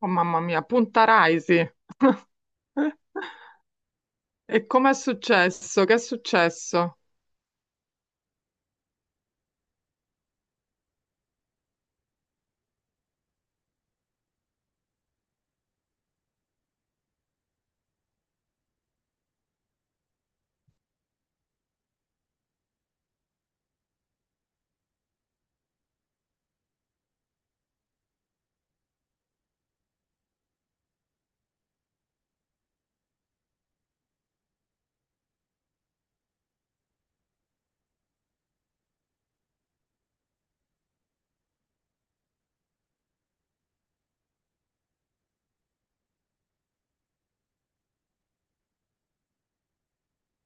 Oh, mamma mia, Punta Raisi. Eh? E com'è successo? Che è successo?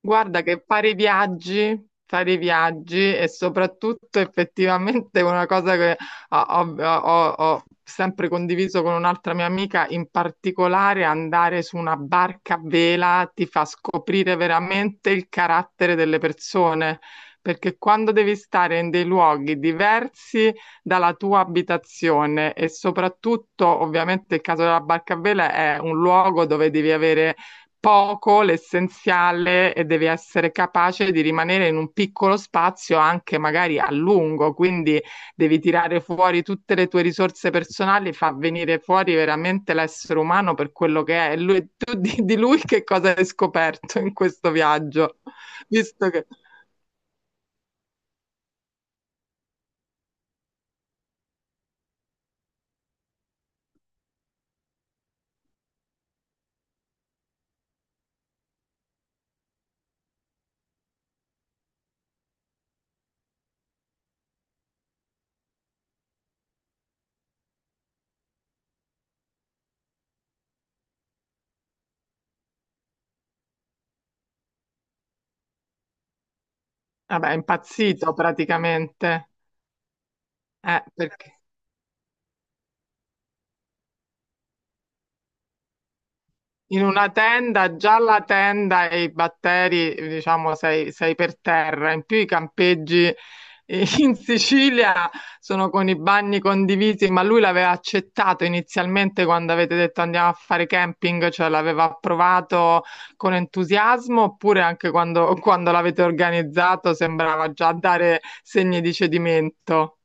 Guarda che fare i viaggi e soprattutto effettivamente una cosa che ho sempre condiviso con un'altra mia amica, in particolare andare su una barca a vela ti fa scoprire veramente il carattere delle persone, perché quando devi stare in dei luoghi diversi dalla tua abitazione e soprattutto ovviamente il caso della barca a vela è un luogo dove devi avere poco l'essenziale e devi essere capace di rimanere in un piccolo spazio anche magari a lungo, quindi devi tirare fuori tutte le tue risorse personali, fa venire fuori veramente l'essere umano per quello che è. E lui, tu di lui che cosa hai scoperto in questo viaggio? Visto che, vabbè, è impazzito praticamente. Perché? In una tenda, già la tenda e i batteri, diciamo, sei, sei per terra. In più i campeggi in Sicilia sono con i bagni condivisi, ma lui l'aveva accettato inizialmente quando avete detto andiamo a fare camping, cioè l'aveva approvato con entusiasmo, oppure anche quando, quando l'avete organizzato sembrava già dare segni di cedimento.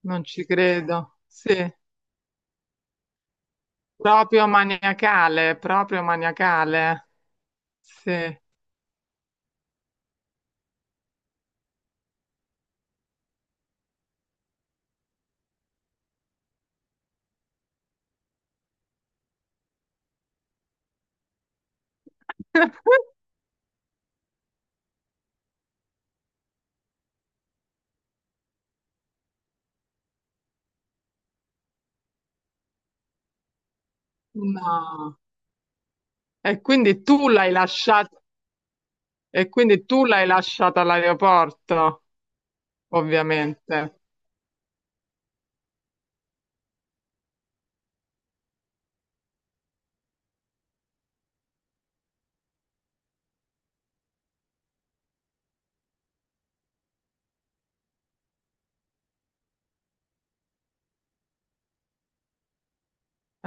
Non ci credo. Sì, proprio maniacale, proprio maniacale. Sì. No. E quindi tu l'hai lasciata, e quindi tu l'hai lasciata all'aeroporto, ovviamente.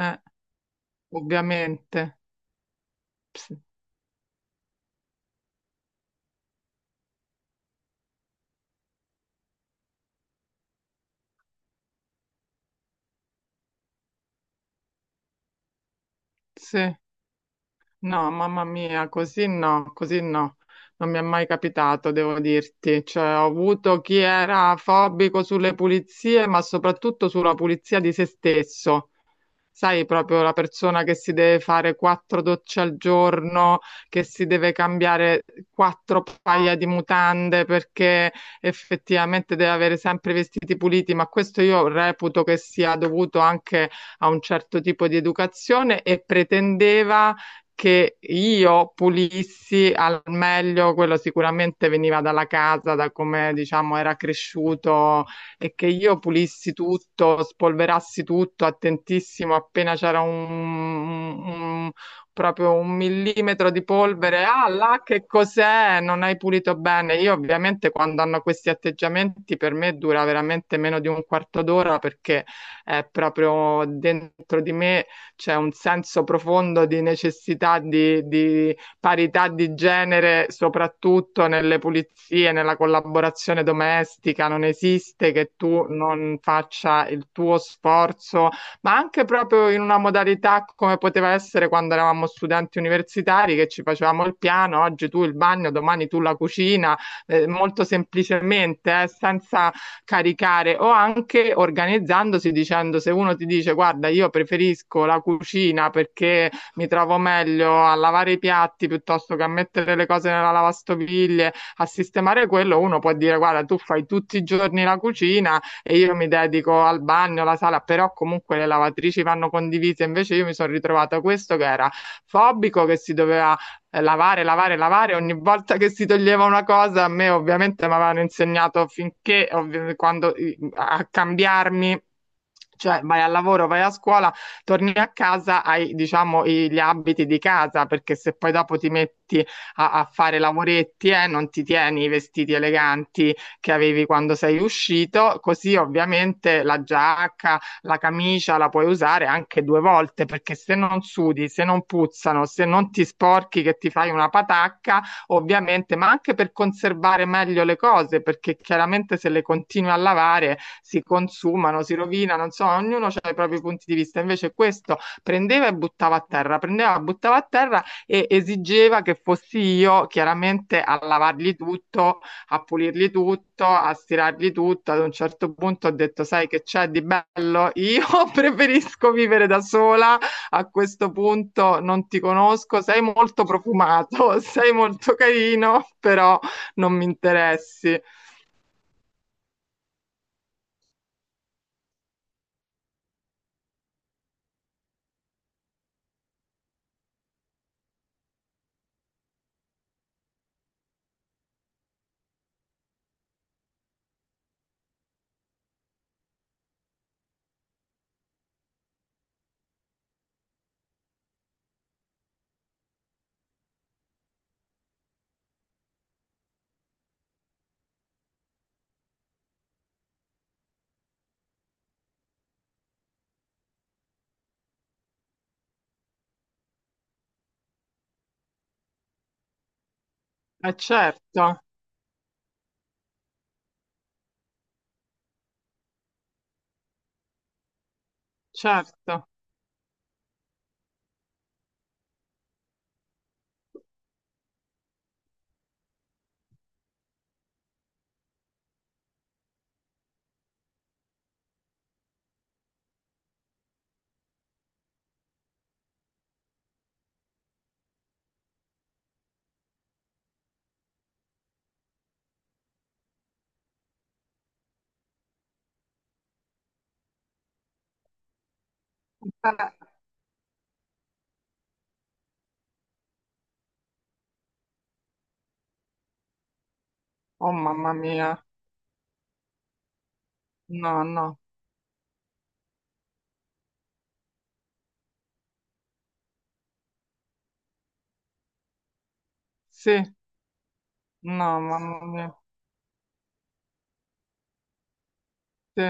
Eh, ovviamente. Ps- Sì. No, mamma mia, così no, così no. Non mi è mai capitato, devo dirti. Cioè, ho avuto chi era fobico sulle pulizie, ma soprattutto sulla pulizia di se stesso. Sai, proprio la persona che si deve fare quattro docce al giorno, che si deve cambiare quattro paia di mutande perché effettivamente deve avere sempre i vestiti puliti, ma questo io reputo che sia dovuto anche a un certo tipo di educazione e pretendeva che io pulissi al meglio, quello sicuramente veniva dalla casa, da come diciamo era cresciuto e che io pulissi tutto, spolverassi tutto, attentissimo, appena c'era un- proprio un millimetro di polvere, ah là che cos'è? Non hai pulito bene. Io ovviamente quando hanno questi atteggiamenti per me dura veramente meno di un quarto d'ora perché è proprio dentro di me c'è un senso profondo di necessità di parità di genere, soprattutto nelle pulizie, nella collaborazione domestica, non esiste che tu non faccia il tuo sforzo, ma anche proprio in una modalità come poteva essere quando eravamo studenti universitari, che ci facevamo il piano, oggi tu il bagno, domani tu la cucina, molto semplicemente, senza caricare o anche organizzandosi dicendo se uno ti dice guarda io preferisco la cucina perché mi trovo meglio a lavare i piatti piuttosto che a mettere le cose nella lavastoviglie, a sistemare quello, uno può dire guarda, tu fai tutti i giorni la cucina e io mi dedico al bagno, alla sala, però comunque le lavatrici vanno condivise, invece io mi sono ritrovata questo che era fobico, che si doveva lavare, lavare, lavare. Ogni volta che si toglieva una cosa, a me ovviamente mi avevano insegnato finché, ovvi- quando, a cambiarmi cioè vai al lavoro, vai a scuola, torni a casa, hai diciamo i- gli abiti di casa, perché se poi dopo ti metti a fare lavoretti, non ti tieni i vestiti eleganti che avevi quando sei uscito, così ovviamente la giacca, la camicia la puoi usare anche due volte, perché se non sudi, se non puzzano, se non ti sporchi che ti fai una patacca, ovviamente, ma anche per conservare meglio le cose, perché chiaramente se le continui a lavare si consumano, si rovinano, insomma, ognuno ha i propri punti di vista. Invece questo prendeva e buttava a terra, prendeva, e buttava a terra e esigeva che fossi io chiaramente a lavargli tutto, a pulirgli tutto, a stirargli tutto. Ad un certo punto ho detto, sai che c'è di bello? Io preferisco vivere da sola, a questo punto non ti conosco, sei molto profumato, sei molto carino, però non mi interessi. Eh certo, certo. Oh mamma mia, no, no, sì, no, mamma mia, sì,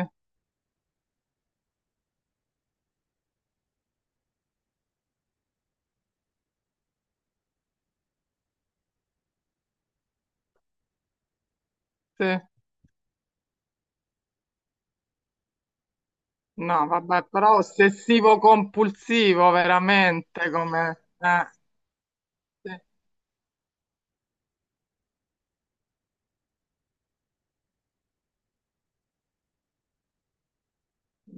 sì, no, vabbè, però ossessivo compulsivo veramente come... sì,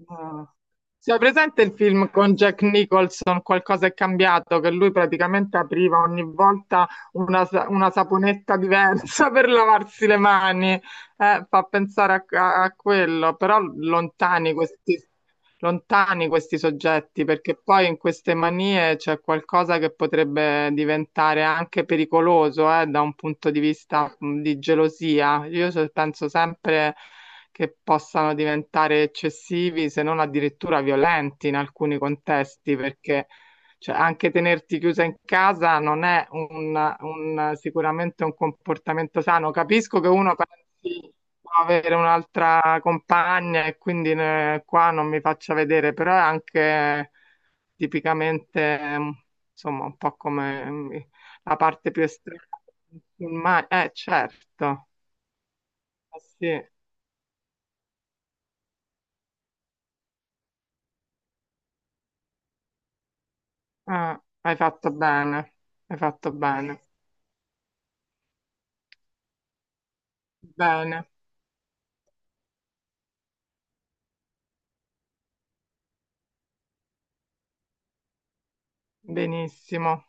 no. Sì, hai presente il film con Jack Nicholson, Qualcosa è cambiato, che lui praticamente apriva ogni volta una, una saponetta diversa per lavarsi le mani. Fa pensare a quello, però lontani questi soggetti, perché poi in queste manie c'è qualcosa che potrebbe diventare anche pericoloso, da un punto di vista di gelosia. Io penso sempre che possano diventare eccessivi, se non addirittura violenti in alcuni contesti, perché cioè, anche tenerti chiusa in casa non è sicuramente un comportamento sano. Capisco che uno pensi di avere un'altra compagna e quindi qua non mi faccia vedere, però è anche tipicamente, insomma, un po' come la parte più estrema. Certo. Eh sì. Ah, hai fatto bene, bene, benissimo.